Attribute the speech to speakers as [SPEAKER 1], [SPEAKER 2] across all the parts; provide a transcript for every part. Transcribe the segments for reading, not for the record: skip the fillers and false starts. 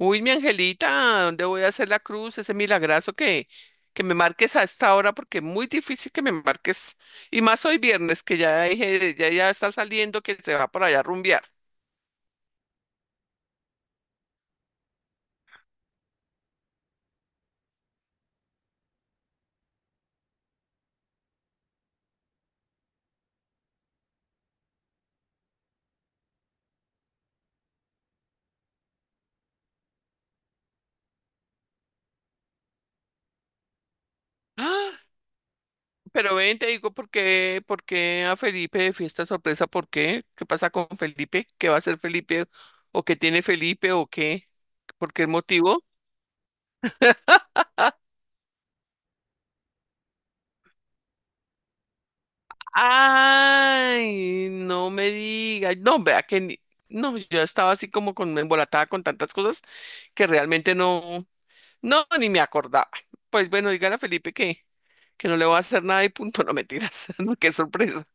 [SPEAKER 1] Uy, mi angelita, ¿dónde voy a hacer la cruz? Ese milagrazo que me marques a esta hora, porque es muy difícil que me marques. Y más hoy viernes, que ya dije, ya está saliendo, que se va por allá a rumbear. ah Pero ven, te digo por qué a Felipe de fiesta sorpresa, ¿por qué? ¿Qué pasa con Felipe? ¿Qué va a hacer Felipe? ¿O qué tiene Felipe? ¿O qué? ¿Por qué motivo? Ay, no me digas. No, vea que ni- no, yo estaba así como con embolatada con tantas cosas que realmente no, ni me acordaba. Pues bueno, dígale a Felipe que no le voy a hacer nada y punto, no mentiras, no, qué sorpresa.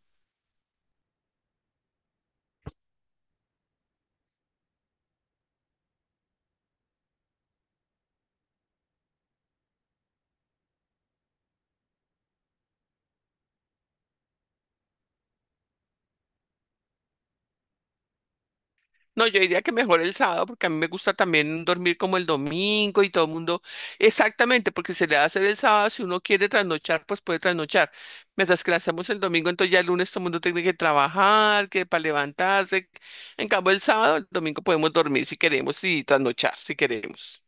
[SPEAKER 1] No, yo diría que mejor el sábado porque a mí me gusta también dormir como el domingo y todo el mundo. Exactamente, porque se le hace el sábado, si uno quiere trasnochar, pues puede trasnochar. Mientras que la hacemos el domingo, entonces ya el lunes todo el mundo tiene que trabajar, que para levantarse. En cambio, el sábado, el domingo podemos dormir si queremos y trasnochar si queremos.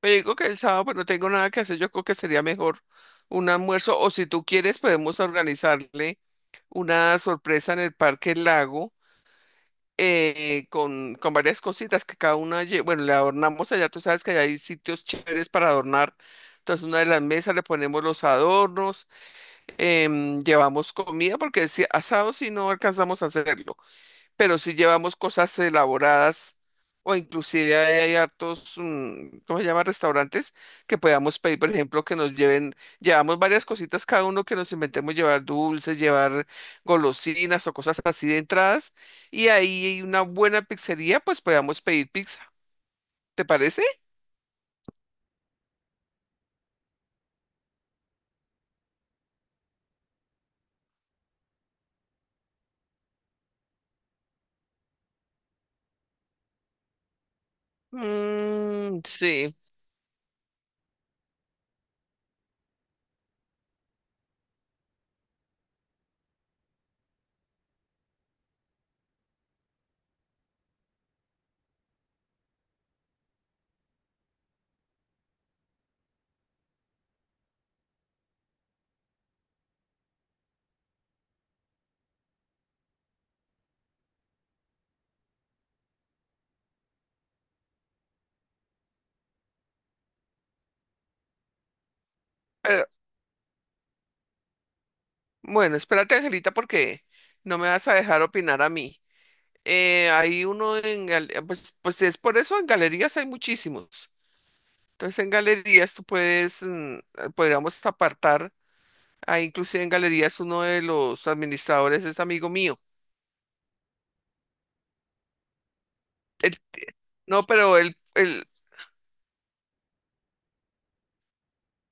[SPEAKER 1] Pero digo que el sábado pues no tengo nada que hacer, yo creo que sería mejor un almuerzo o si tú quieres podemos organizarle una sorpresa en el Parque Lago con varias cositas que cada una, bueno, le adornamos allá, tú sabes que allá hay sitios chéveres para adornar. Entonces, una de las mesas le ponemos los adornos, llevamos comida, porque si asado si no alcanzamos a hacerlo pero si llevamos cosas elaboradas o inclusive hay, hartos, mm, ¿cómo se llama? Restaurantes que podamos pedir, por ejemplo, que nos lleven, llevamos varias cositas cada uno que nos inventemos llevar dulces, llevar golosinas o cosas así de entradas y ahí hay una buena pizzería, pues podamos pedir pizza. ¿Te parece? Mm, sí. Pero, bueno, espérate, Angelita, porque no me vas a dejar opinar a mí. Hay uno en, pues, es por eso en galerías hay muchísimos. Entonces en galerías tú puedes, podríamos apartar, ahí inclusive en galerías uno de los administradores es amigo mío. Él- no, pero él,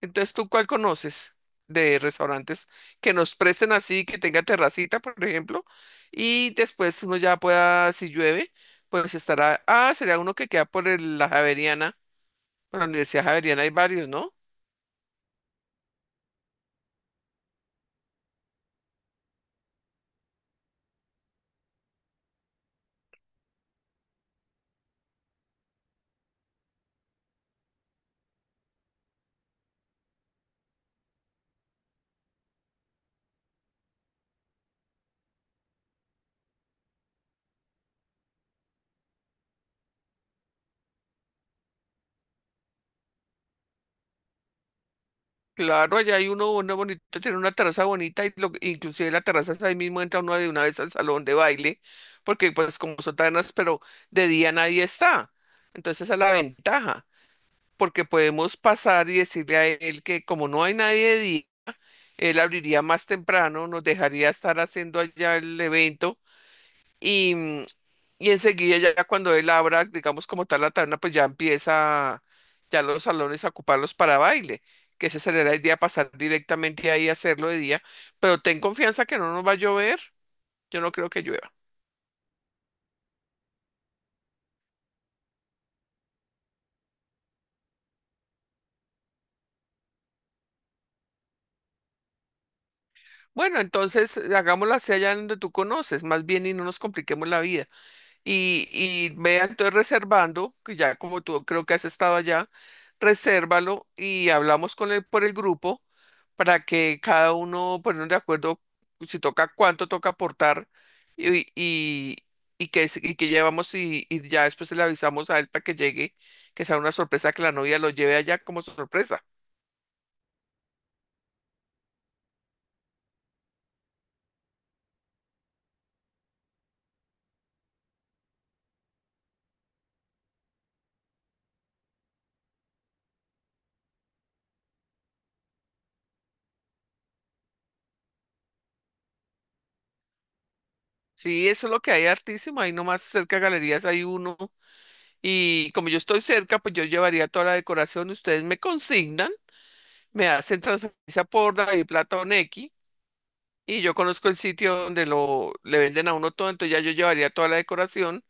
[SPEAKER 1] entonces ¿tú cuál conoces de restaurantes que nos presten así, que tenga terracita, por ejemplo? Y después uno ya pueda, si llueve, pues estará, ah, sería uno que queda la Javeriana, por la Universidad Javeriana hay varios, ¿no? Claro, allá hay uno bonito, tiene una terraza bonita y lo, inclusive la terraza es ahí mismo entra uno de una vez al salón de baile, porque pues como son tabernas, pero de día nadie está. Entonces esa es la ventaja, porque podemos pasar y decirle a él que como no hay nadie de día, él abriría más temprano, nos dejaría estar haciendo allá el evento y, mm, y enseguida ya cuando él abra, digamos como tal la taberna, pues ya empieza ya los salones a ocuparlos para baile, que ese será el día pasar directamente ahí a hacerlo de día, pero ten confianza que no nos va a llover, yo no creo que llueva. Bueno, entonces hagámoslo hacia allá donde tú conoces, más bien y no nos compliquemos la vida. Vea entonces reservando, que ya como tú creo que has estado allá, resérvalo y hablamos con él por el grupo para que cada uno ponernos de acuerdo si toca cuánto toca aportar y, y, y y que llevamos y ya después le avisamos a él para que llegue, que sea una sorpresa que la novia lo lleve allá como sorpresa. Sí, eso es lo que hay hartísimo, ahí nomás cerca de galerías hay uno y como yo estoy cerca, pues yo llevaría toda la decoración, ustedes me consignan. Me hacen transferencia por David Plata o Nequi y yo conozco el sitio donde lo le venden a uno todo, entonces ya yo llevaría toda la decoración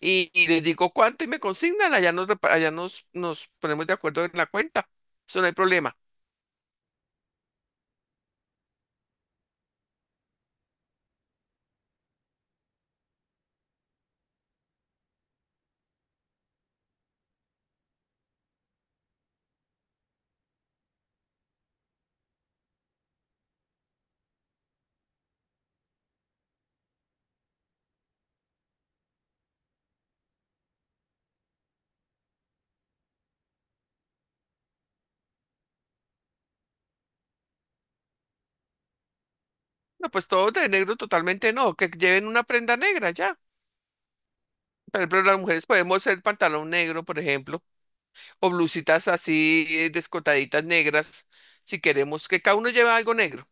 [SPEAKER 1] y les digo cuánto y me consignan, allá nos ponemos de acuerdo en la cuenta. Eso no hay problema. No, pues todo de negro totalmente no, que lleven una prenda negra ya. Por ejemplo, las mujeres podemos hacer pantalón negro, por ejemplo, o blusitas así descotaditas negras, si queremos que cada uno lleve algo negro.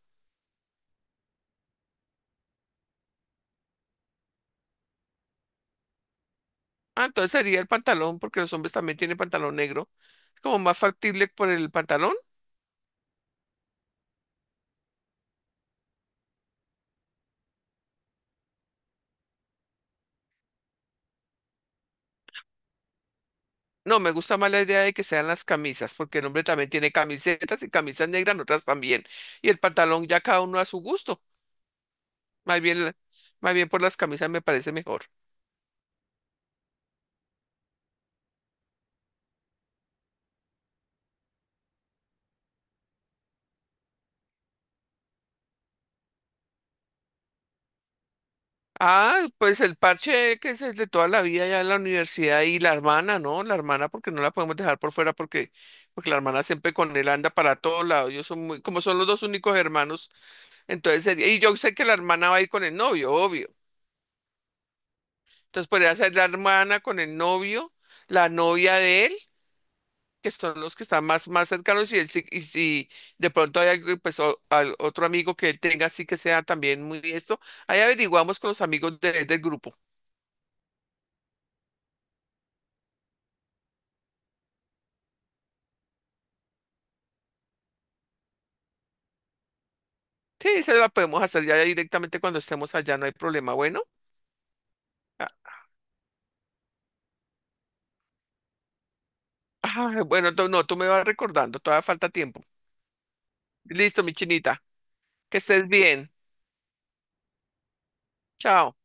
[SPEAKER 1] Ah, entonces sería el pantalón, porque los hombres también tienen pantalón negro. Es como más factible por el pantalón. No, me gusta más la idea de que sean las camisas, porque el hombre también tiene camisetas y camisas negras, otras también. Y el pantalón ya cada uno a su gusto. Más bien, la- más bien por las camisas me parece mejor. Ah, pues el parche que es el de toda la vida ya en la universidad y la hermana, ¿no? La hermana, porque no la podemos dejar por fuera, porque la hermana siempre con él anda para todos lados. Yo son muy, como son los dos únicos hermanos. Entonces sería, y yo sé que la hermana va a ir con el novio, obvio. Entonces podría ser la hermana con el novio, la novia de él, que son los que están más, más cercanos, y si de pronto hay algo, pues, otro amigo que él tenga, así que sea también muy esto, ahí averiguamos con los amigos del grupo. Sí, esa la podemos hacer ya directamente cuando estemos allá, no hay problema. Bueno. Ah, bueno, no, tú me vas recordando, todavía falta tiempo. Listo, mi chinita, que estés bien. Chao.